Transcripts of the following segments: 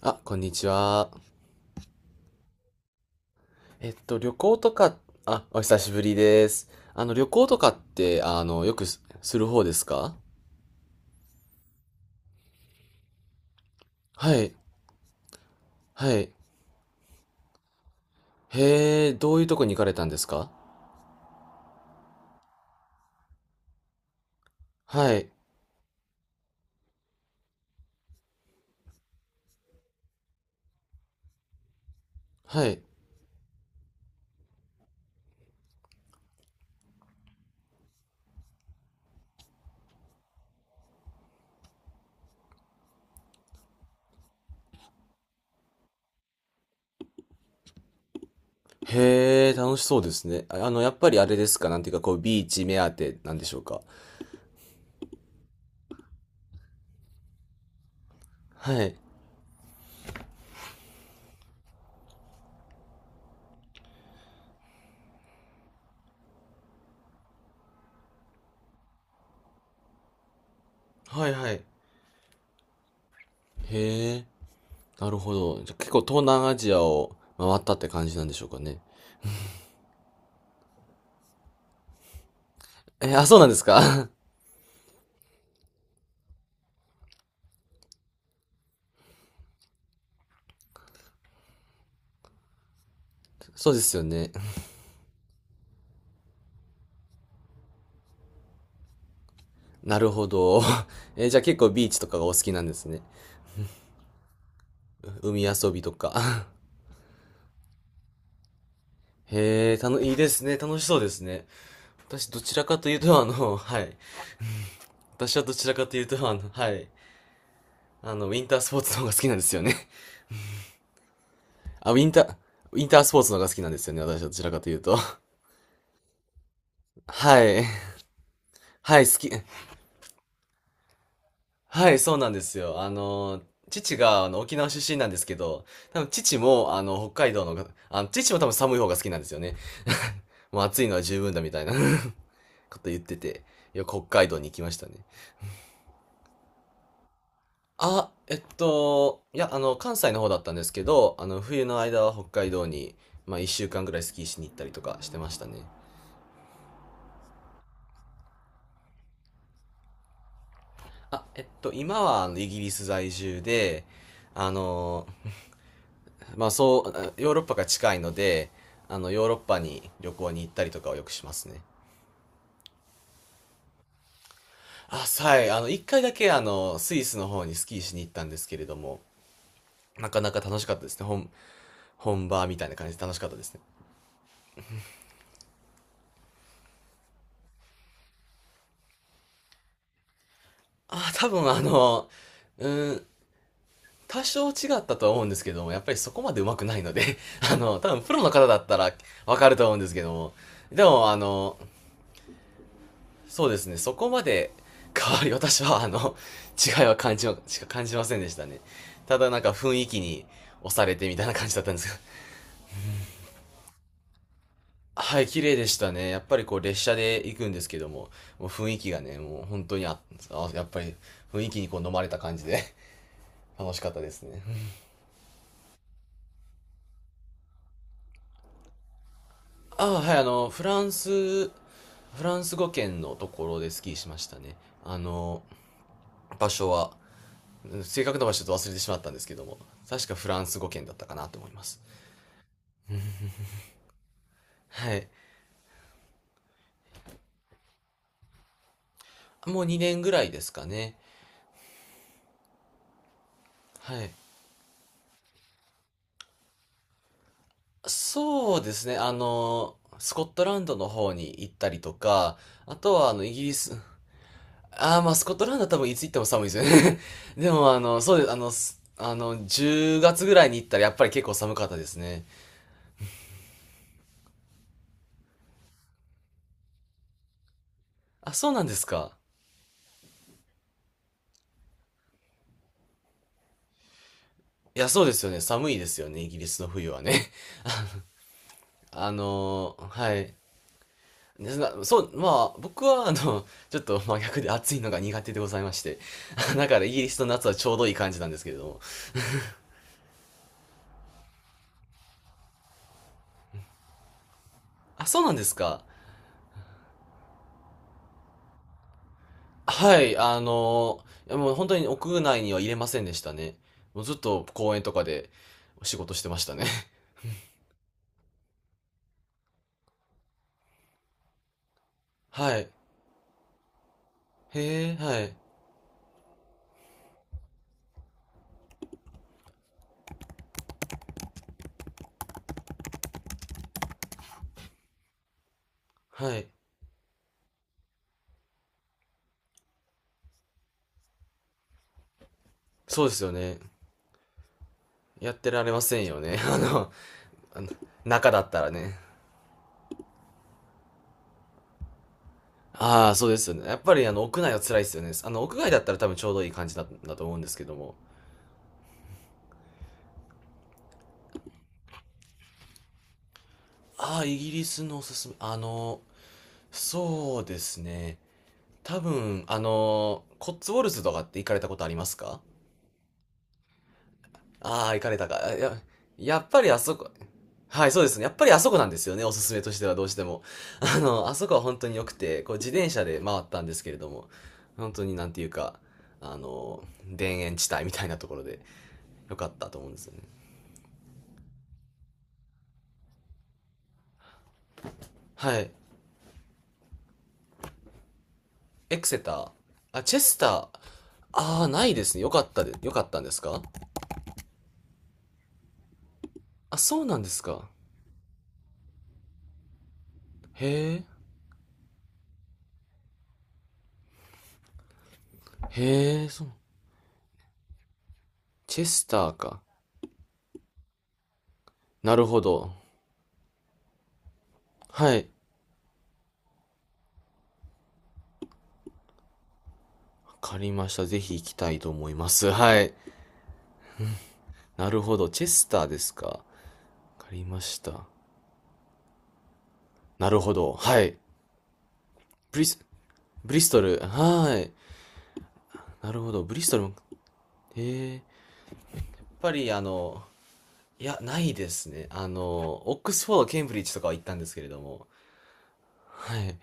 あ、こんにちは。旅行とか、あ、お久しぶりです。あの、旅行とかって、あの、よくす、する方ですか？はい、はい。へえ、どういうとこに行かれたんですか？はい、はい。へえ、楽しそうですね。あ、あの、やっぱりあれですか、なんていうか、こう、ビーチ目当てなんでしょうか。はい、はい、はい。へえ、なるほど。じゃ、結構東南アジアを回ったって感じなんでしょうかね。えー、あ、そうなんですか？ そうですよね。なるほど。えー、じゃあ結構ビーチとかがお好きなんですね。海遊びとか。へえ、いいですね。楽しそうですね。私どちらかというとあの、はい。私はどちらかというとあの、はい。あの、ウィンタースポーツの方が好きなんですよね。あ、ウィンタースポーツの方が好きなんですよね。私はどちらかというと。はい。はい、好き。はい、そうなんですよ。あの、父があの沖縄出身なんですけど、多分父もあの北海道のが、あの、父も多分寒い方が好きなんですよね。もう暑いのは十分だみたいな こと言ってて、よく北海道に行きましたね。あ、いや、あの、関西の方だったんですけど、あの、冬の間は北海道に、まあ、一週間ぐらいスキーしに行ったりとかしてましたね。あ、今は、あの、イギリス在住で、あの、まあそうヨーロッパが近いので、あの、ヨーロッパに旅行に行ったりとかをよくしますね。あ、はい、あの、一回だけあの、スイスの方にスキーしに行ったんですけれども、なかなか楽しかったですね。本場みたいな感じで楽しかったですね。あ、多分あの、うん、多少違ったとは思うんですけども、やっぱりそこまで上手くないので、あの、多分プロの方だったらわかると思うんですけども、でもあの、そうですね、そこまで 変わり、私はあの、違いは感じま、しか感じませんでしたね。ただなんか雰囲気に押されてみたいな感じだったんですけど。はい、綺麗でしたね。やっぱりこう列車で行くんですけども、もう雰囲気がね、もう本当にやっぱり雰囲気にこう飲まれた感じで 楽しかったですね。ああ、はい、あの、フランス語圏のところでスキーしましたね。あの、場所は、正確な場所ちょっと忘れてしまったんですけども、確かフランス語圏だったかなと思います。はい。もう2年ぐらいですかね。はい。そうですね。あの、スコットランドの方に行ったりとか、あとはあの、イギリス、ああ、まあ、スコットランドは多分いつ行っても寒いですよね。でもあの、そうです。あの、10月ぐらいに行ったらやっぱり結構寒かったですね。あ、そうなんですか。いや、そうですよね。寒いですよね。イギリスの冬はね。あの、はい。でなそう、まあ、あの、ちょっと真逆で暑いのが苦手でございまして。だから、イギリスの夏はちょうどいい感じなんですけれども。あ、そうなんですか。はい、あの、いやもう本当に屋内には入れませんでしたね。もうずっと公園とかで仕事してましたね。はい。へえ、はい。はい。そうですよね。やってられませんよね。あの、あの中だったらね。ああ、そうですよね。やっぱりあの、屋内は辛いですよね。あの、屋外だったら多分ちょうどいい感じだ、だと思うんですけども。ああ、イギリスのおすすめ。あの、そうですね。多分、あの、コッツウォルズとかって行かれたことありますか？ああ、行かれたか。やっぱりあそこ、はい、そうですね。やっぱりあそこなんですよね。おすすめとしてはどうしても。あの、あそこは本当に良くて、こう自転車で回ったんですけれども、本当になんていうか、あの、田園地帯みたいなところで良かったと思うんですよね。はい。エクセター。あ、チェスター。ああ、ないですね。良かったんですか？あ、そうなんですか。へえ、へえ、そう。チェスターか。なるほど。はい。わかりました。ぜひ行きたいと思います。はい。なるほど。チェスターですか。わかりました。なるほど。はい。ブリス、ブリストル。はい。なるほど。ブリストルも、へえ。やっぱりあの、いや、ないですね。あの、オックスフォード、ケンブリッジとかは行ったんですけれども。はい。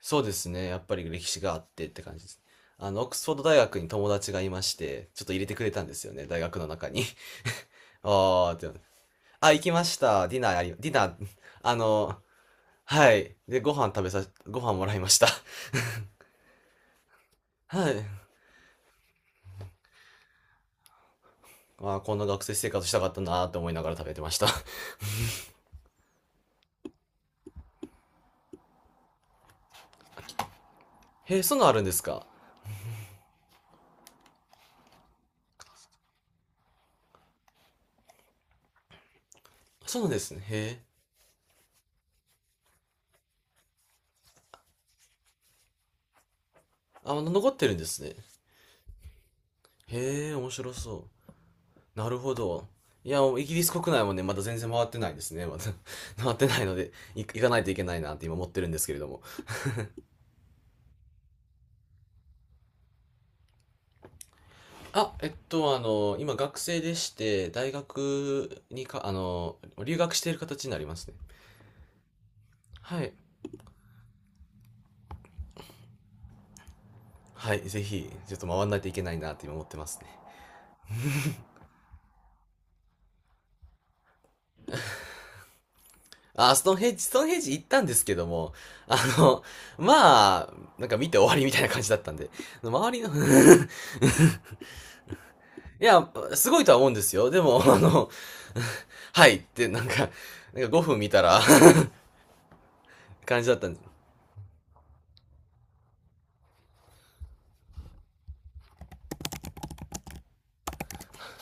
そうですね。やっぱり歴史があってって感じです。あの、オックスフォード大学に友達がいまして、ちょっと入れてくれたんですよね、大学の中に。ああ、ってなる、あ、行きました。ディナー、あの、はい。で、ご飯食べさ、ご飯もらいました。はい。まあー、こんな学生生活したかったなーって思いながら食べてました。へえ、そんなのあるんですか？そうなんですね。へえ。あ、まだ残ってるんですね。へえ、面白そう。なるほど。いや、もうイギリス国内もね、まだ全然回ってないですね。まだ 回ってないので、行かないといけないなって今思ってるんですけれども。あ、あの、今学生でして、大学にか、あの、留学している形になりますね。はい。はい、ぜひ、ちょっと回んないといけないなって今思ってますね。あ、ストーンヘッジ行ったんですけども、あの、まあ、なんか見て終わりみたいな感じだったんで、周りの いや、すごいとは思うんですよ。でも、あの、はいってなんか、なんか5分見たら 感じだったんで、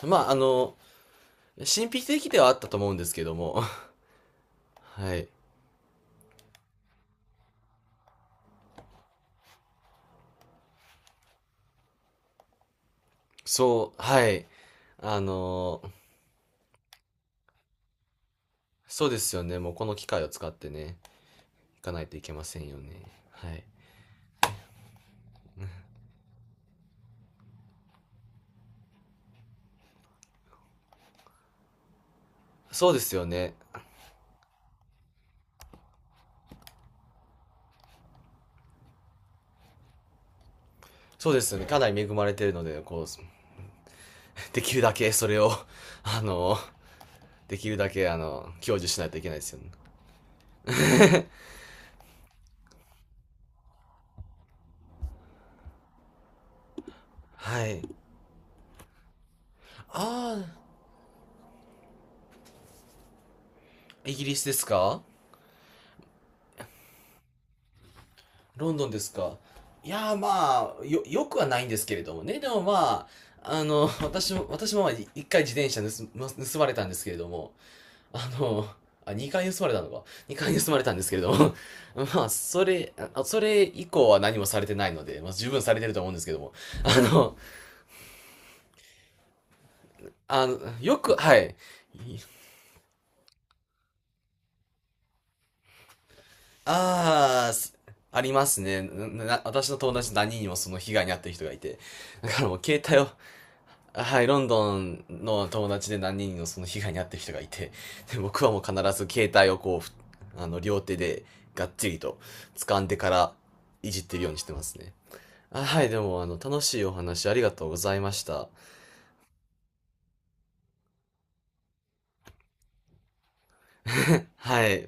まあ、あの、神秘的ではあったと思うんですけども、はい。そう、はい。あの、そうですよね。もうこの機会を使ってね、行かないといけませんよね。はい。そうですよね。そうですよね。かなり恵まれてるので、こう、できるだけ それを、あの、できるだけ、あの、享受しないといけないですよね。はい。ああ、イギリスですか？ロンドンですか？いやー、まあ、よくはないんですけれどもね。でもまあ、あの、私もまあ一回自転車盗まれたんですけれども、あの、あ、2回盗まれたのか。2回盗まれたんですけれども、まあ、あ、それ以降は何もされてないので、まあ、十分されてると思うんですけども、あの、あの、よく、はい。ああ、ありますね。な、私の友達何人にもその被害に遭ってる人がいて、だからもう携帯を、はい、ロンドンの友達で何人もその被害に遭ってる人がいて、で、僕はもう必ず携帯をこう、あの、両手でがっちりと掴んでからいじってるようにしてますね。あ、はい、でも、あの、楽しいお話ありがとうございました。はい。